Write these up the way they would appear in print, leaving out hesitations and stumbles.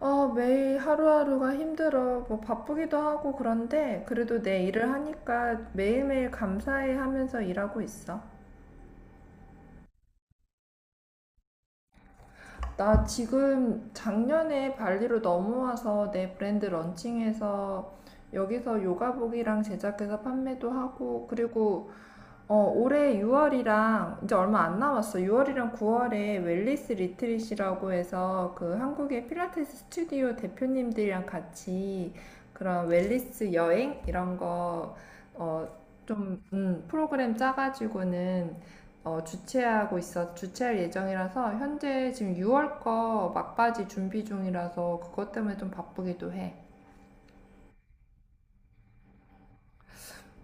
매일 하루하루가 힘들어. 뭐 바쁘기도 하고 그런데 그래도 내 일을 하니까 매일매일 감사해 하면서 일하고 있어. 나 지금 작년에 발리로 넘어와서 내 브랜드 런칭해서 여기서 요가복이랑 제작해서 판매도 하고 그리고 올해 6월이랑 이제 얼마 안 남았어. 6월이랑 9월에 웰리스 리트릿이라고 해서 그 한국의 필라테스 스튜디오 대표님들이랑 같이 그런 웰리스 여행 이런 거 어, 좀 프로그램 짜가지고는 주최하고 있어 주최할 예정이라서 현재 지금 6월 거 막바지 준비 중이라서 그것 때문에 좀 바쁘기도 해.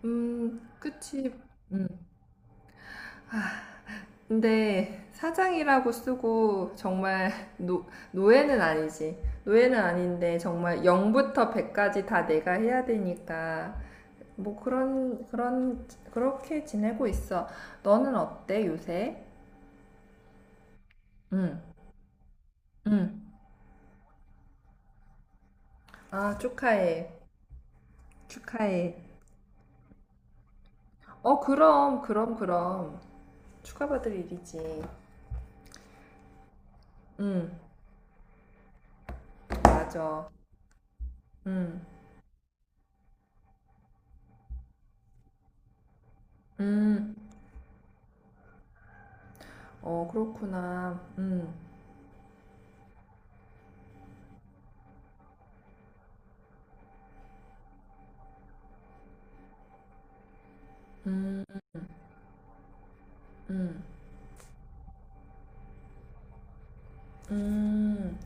그치. 근데 사장이라고 쓰고 정말 노, 노예는 아니지. 노예는 아닌데 정말 0부터 100까지 다 내가 해야 되니까 뭐 그런 그렇게 지내고 있어. 너는 어때 요새? 응. 응. 아, 축하해. 축하해. 어, 그럼 그럼 그럼. 축하받을 일이지. 응. 맞아. 응. 응. 어, 그렇구나. 응응응응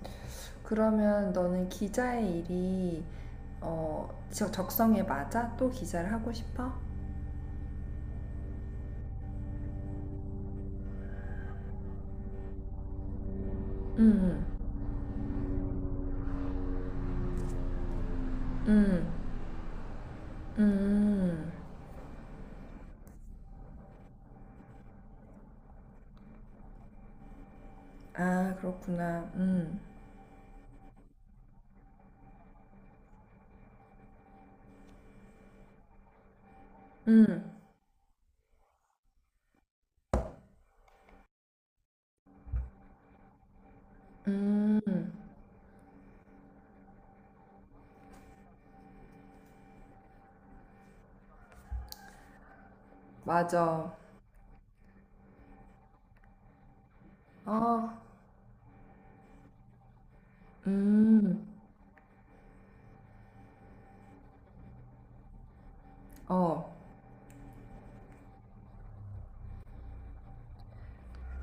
그러면 너는 기자의 일이 어, 적성에 맞아? 또 기자를 하고 싶어? 음, 음, 음. 아, 그렇구나. 음, 음. 맞아. 어, 음, 어.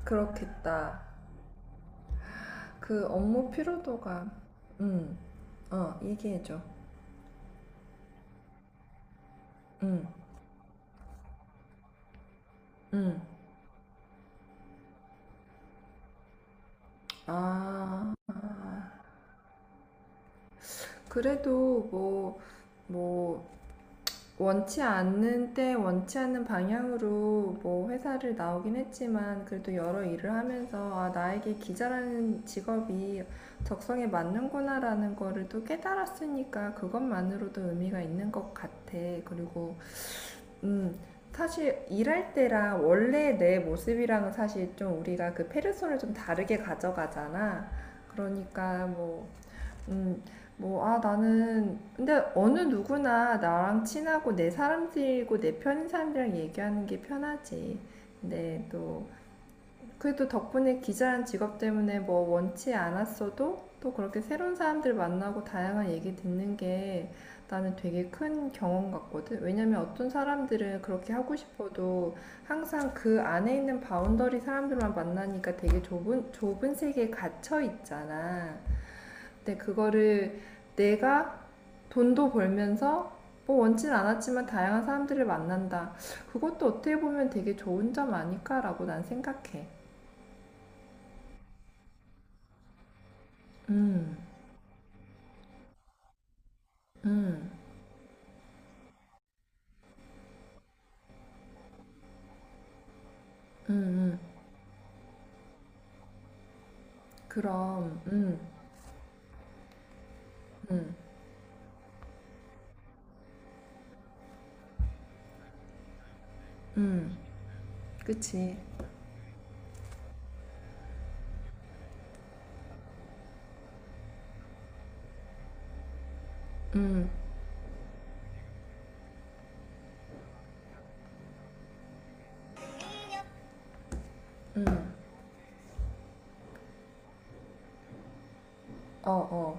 그렇겠다. 그 업무 피로도가. 음, 얘기해줘. 음, 음. 아, 아. 그래도 뭐, 뭐, 원치 않는 때 원치 않는 방향으로 뭐 회사를 나오긴 했지만 그래도 여러 일을 하면서 아 나에게 기자라는 직업이 적성에 맞는구나라는 거를 또 깨달았으니까 그것만으로도 의미가 있는 것 같아. 그리고 음 사실 일할 때랑 원래 내 모습이랑은 사실 좀 우리가 그 페르소를 좀 다르게 가져가잖아. 그러니까 뭐 음, 뭐, 아, 나는, 근데 어느 누구나 나랑 친하고 내 사람들이고 내 편인 사람들이랑 얘기하는 게 편하지. 근데 또, 그래도 덕분에 기자란 직업 때문에 뭐 원치 않았어도 또 그렇게 새로운 사람들 만나고 다양한 얘기 듣는 게 나는 되게 큰 경험 같거든. 왜냐면 어떤 사람들은 그렇게 하고 싶어도 항상 그 안에 있는 바운더리 사람들만 만나니까 되게 좁은 세계에 갇혀 있잖아. 근데 그거를 내가 돈도 벌면서 뭐 원치는 않았지만 다양한 사람들을 만난다. 그것도 어떻게 보면 되게 좋은 점 아닐까라고 난 생각해. 음, 음, 음, 음. 그럼, 그치. 어, 어.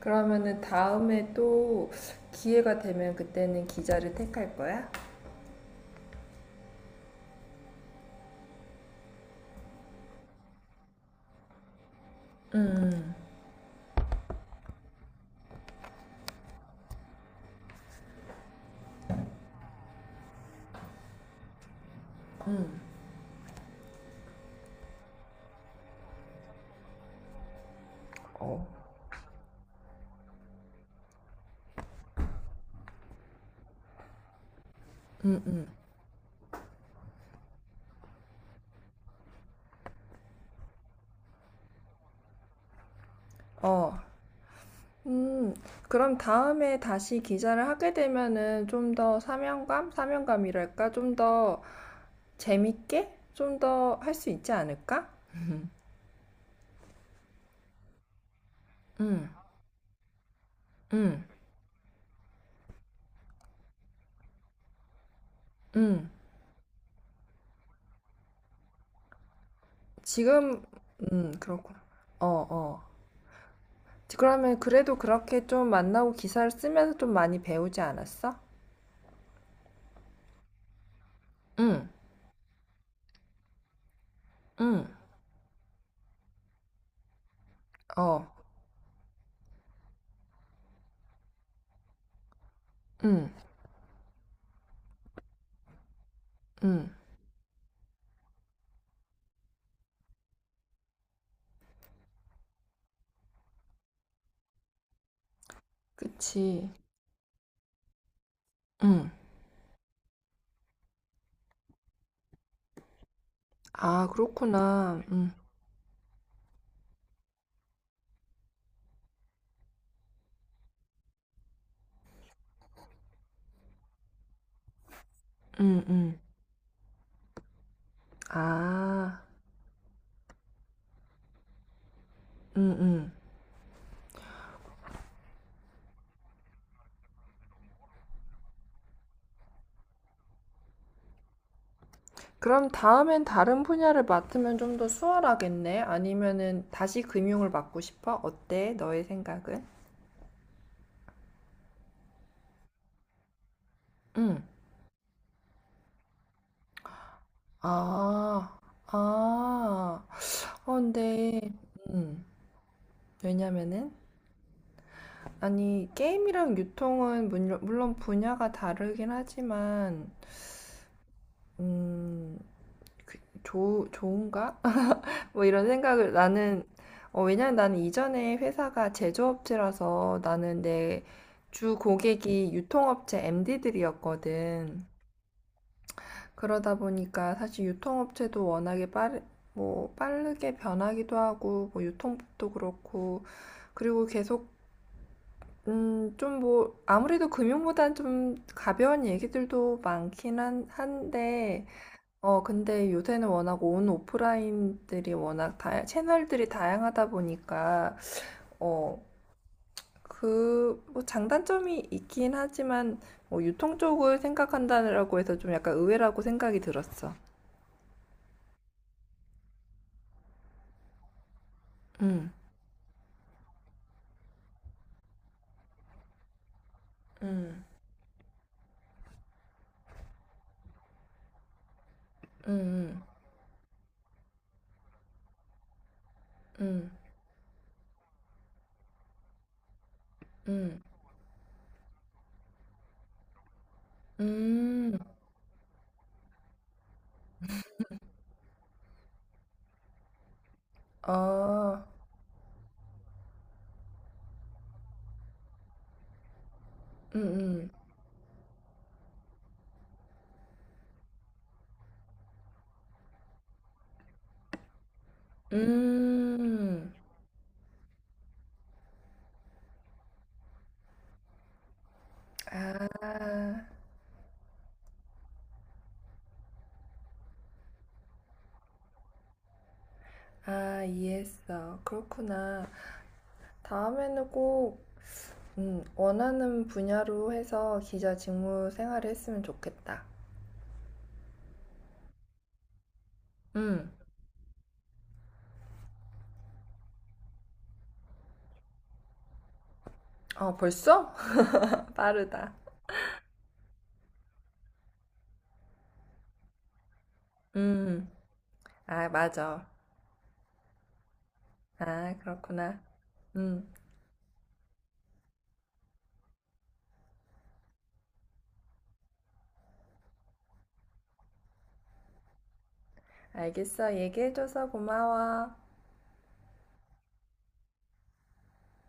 그러면은 다음에 또 기회가 되면 그때는 기자를 택할 거야? 응, 응. 어. 음, 그럼 다음에 다시 기자를 하게 되면은 좀 더 사명감? 사명감이랄까? 좀더 재밌게 좀 더 할 수 있지 않을까? 응, 응, 응. 지금, 그렇구나. 어, 어. 그러면 그래도 그렇게 좀 만나고 기사를 쓰면서 좀 많이 배우지 않았어? 응, 응, 어, 응, 응. 그치. 응. 아, 그렇구나. 응, 응, 응. 아, 응, 응. 그럼 다음엔 다른 분야를 맡으면 좀 더 수월하겠네? 아니면은 다시 금융을 맡고 싶어? 어때? 너의 생각은? 응. 아, 아, 근데, 음, 왜냐면은, 아니, 게임이랑 유통은 물론, 물론 분야가 다르긴 하지만, 음, 그, 좋은가? 뭐 이런 생각을 나는, 왜냐면 나는 이전에 회사가 제조업체라서 나는 내 주 고객이 유통업체 MD들이었거든. 그러다 보니까 사실 유통업체도 워낙에 뭐 빠르게 변하기도 하고 뭐 유통법도 그렇고 그리고 계속 좀 뭐 아무래도 금융보단 좀 가벼운 얘기들도 많긴 한데 어 근데 요새는 워낙 온 오프라인들이 워낙 다 채널들이 다양하다 보니까 어그뭐 장단점이 있긴 하지만 뭐 유통 쪽을 생각한다라고 해서 좀 약간 의외라고 생각이 들었어. 음. 음. 음, 음, 음, 음, 어, 음, 음, 음. 아, 아, 이해했어. 그렇구나. 다음에는 꼭, 원하는 분야로 해서 기자 직무 생활을 했으면 좋겠다. 음, 어, 벌써? 빠르다. 음, 아, 맞아. 아, 그렇구나. 음, 알겠어. 얘기해줘서 고마워.